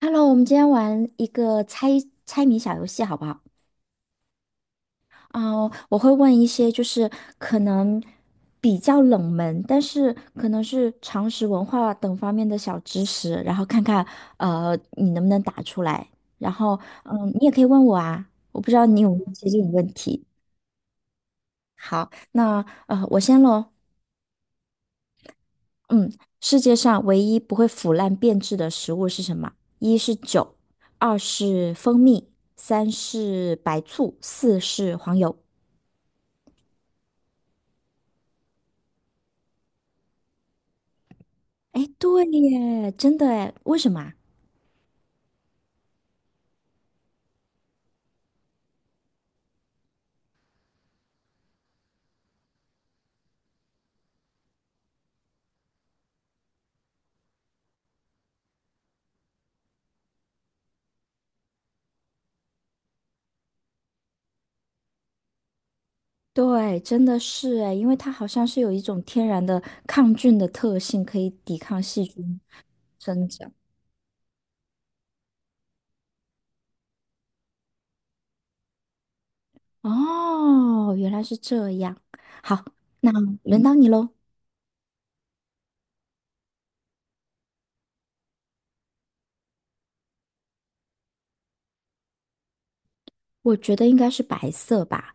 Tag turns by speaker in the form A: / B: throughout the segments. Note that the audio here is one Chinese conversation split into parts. A: Hello，我们今天玩一个猜谜小游戏，好不好？啊、我会问一些就是可能比较冷门，但是可能是常识、文化等方面的小知识，然后看看你能不能打出来。然后你也可以问我啊，我不知道你有没有接近问题。好，那我先喽。嗯，世界上唯一不会腐烂变质的食物是什么？一是酒，二是蜂蜜，三是白醋，四是黄油。哎，对耶，真的哎，为什么啊？对，真的是哎，因为它好像是有一种天然的抗菌的特性，可以抵抗细菌生长。哦，原来是这样。好，那轮到你喽。我觉得应该是白色吧。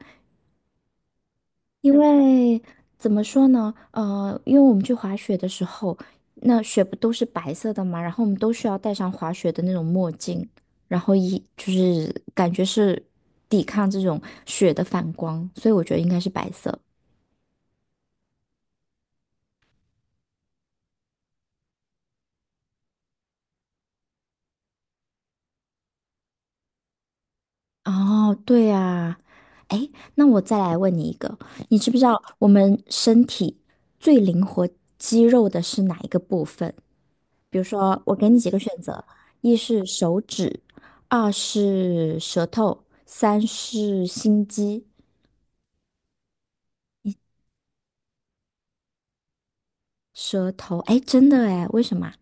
A: 因为怎么说呢？因为我们去滑雪的时候，那雪不都是白色的嘛，然后我们都需要戴上滑雪的那种墨镜，然后一就是感觉是抵抗这种雪的反光，所以我觉得应该是白色。哦，对啊，哎，那我再来问你一个，你知不知道我们身体最灵活肌肉的是哪一个部分？比如说，我给你几个选择：一是手指，二是舌头，三是心肌。舌头，哎，真的哎，为什么啊？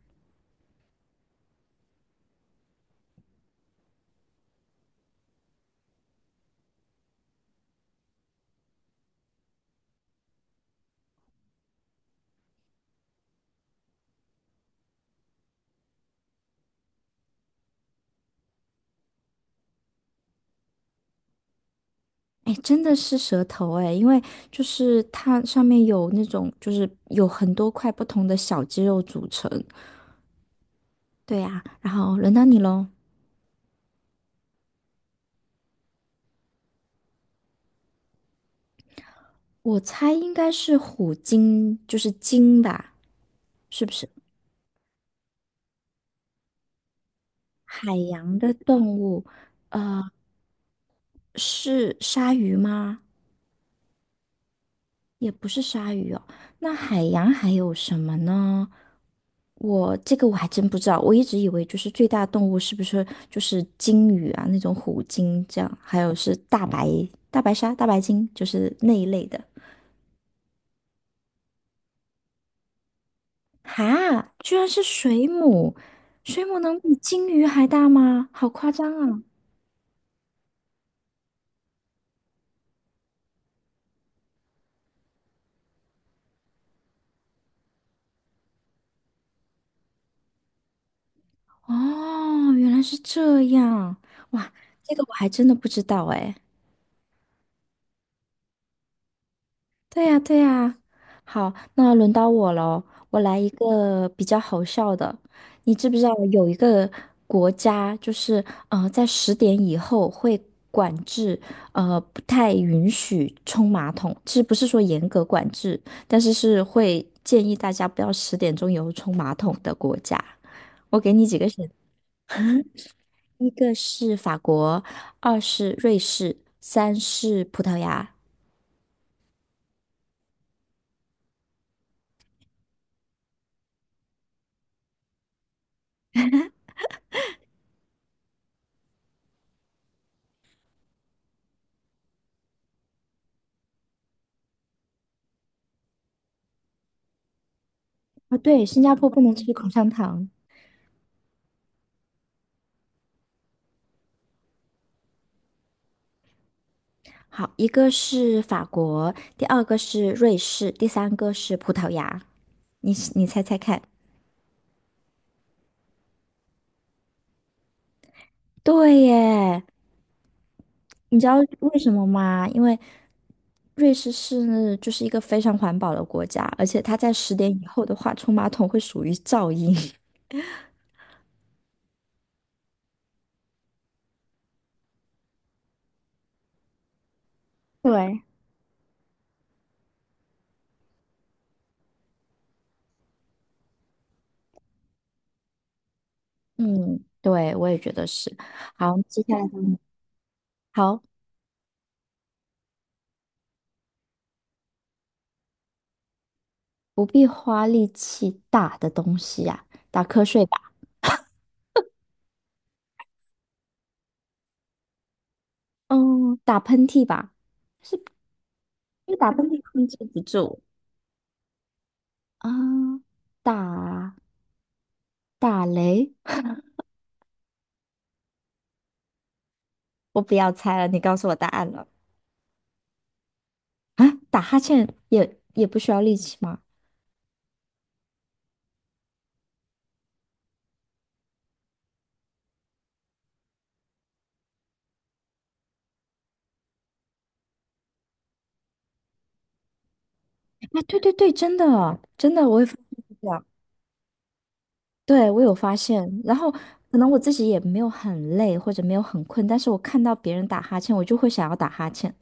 A: 哎，真的是舌头哎，因为就是它上面有那种，就是有很多块不同的小肌肉组成。对呀，然后轮到你喽。我猜应该是虎鲸，就是鲸吧？是不是？海洋的动物是鲨鱼吗？也不是鲨鱼哦，那海洋还有什么呢？我这个我还真不知道，我一直以为就是最大动物是不是就是鲸鱼啊，那种虎鲸这样，还有是大白鲨、大白鲸，就是那一类的。哈，居然是水母，水母能比鲸鱼还大吗？好夸张啊！哦，原来是这样，哇，这个我还真的不知道哎。对呀，对呀。好，那轮到我喽，我来一个比较好笑的。你知不知道有一个国家，就是在十点以后会管制，不太允许冲马桶。其实不是说严格管制，但是是会建议大家不要10点钟以后冲马桶的国家。我给你几个选，一个是法国，二是瑞士，三是葡萄牙。啊，对，新加坡不能吃口香糖。好，一个是法国，第二个是瑞士，第三个是葡萄牙。你猜猜看？对耶，你知道为什么吗？因为瑞士是就是一个非常环保的国家，而且它在十点以后的话，冲马桶会属于噪音。对，嗯，对，我也觉得是。好，接下来到你好，不必花力气打的东西呀、打瞌睡吧，嗯，打喷嚏吧，是因为打喷嚏控制不住。啊，打打雷，我不要猜了，你告诉我答案了啊！打哈欠也不需要力气吗？啊，对对对，真的真的，我也发现是这样，对我有发现。然后可能我自己也没有很累或者没有很困，但是我看到别人打哈欠，我就会想要打哈欠。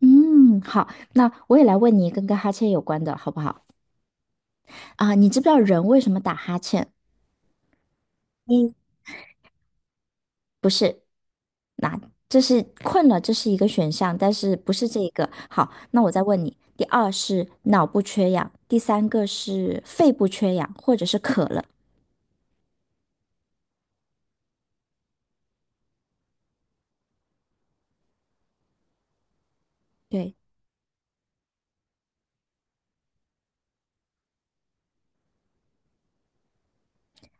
A: 嗯，好，那我也来问你一个跟哈欠有关的好不好？啊，你知不知道人为什么打哈欠？这是困了，这是一个选项，但是不是这一个。好，那我再问你，第二是脑部缺氧，第三个是肺部缺氧，或者是渴了。对，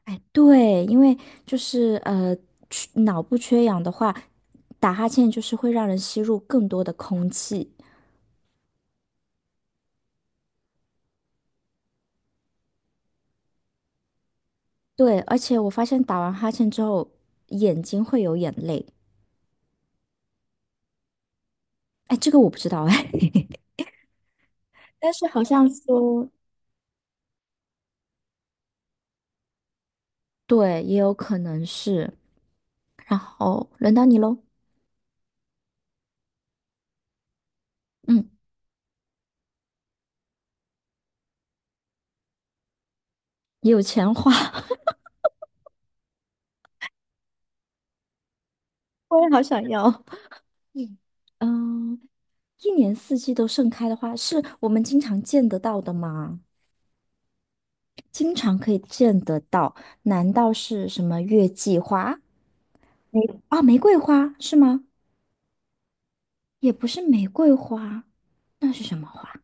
A: 哎，对，因为就是脑部缺氧的话，打哈欠就是会让人吸入更多的空气。对，而且我发现打完哈欠之后，眼睛会有眼泪。哎，这个我不知道哎，但是好像说，对，也有可能是。然后轮到你喽。嗯。有钱花，我也好想要。嗯，嗯，一年四季都盛开的花，是我们经常见得到的吗？经常可以见得到，难道是什么月季花？玫玫瑰花是吗？也不是玫瑰花，那是什么花？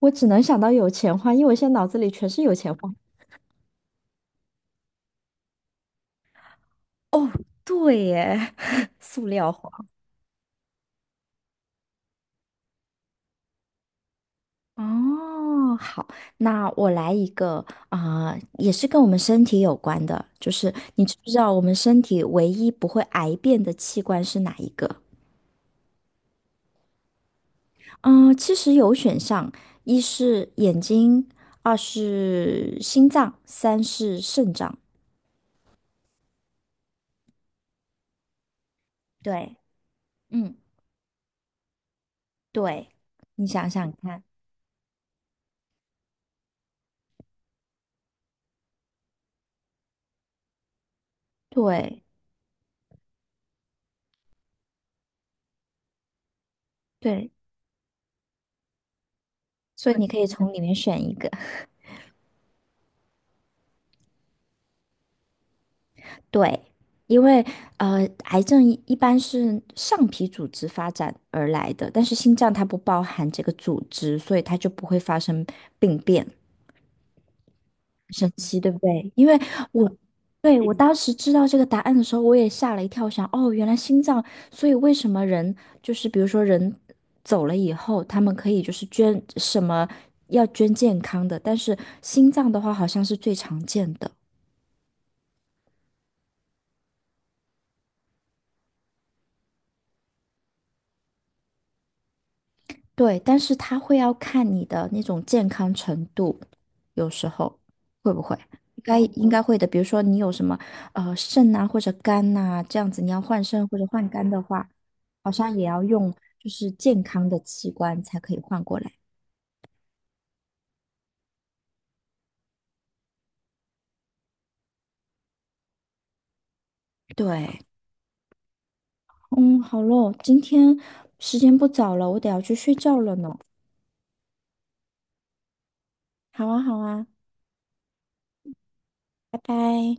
A: 我只能想到有钱花，因为我现在脑子里全是有钱花。哦，对耶，塑料花。哦，好，那我来一个啊、也是跟我们身体有关的，就是你知不知道我们身体唯一不会癌变的器官是哪一个？嗯、其实有选项，一是眼睛，二是心脏，三是肾脏。对，嗯，对，你想想看，对对，所以你可以从里面选一个。对，因为癌症一般是上皮组织发展而来的，但是心脏它不包含这个组织，所以它就不会发生病变。神奇，对不对？因为我对，我当时知道这个答案的时候，我也吓了一跳，想哦，原来心脏，所以为什么人就是比如说人走了以后，他们可以就是捐什么要捐健康的，但是心脏的话好像是最常见的。对，但是他会要看你的那种健康程度，有时候会不会？应该会的。比如说你有什么肾啊或者肝呐、这样子，你要换肾或者换肝的话，好像也要用就是健康的器官才可以换过来。对，嗯，好咯，今天时间不早了，我得要去睡觉了呢。好啊，好啊，拜拜。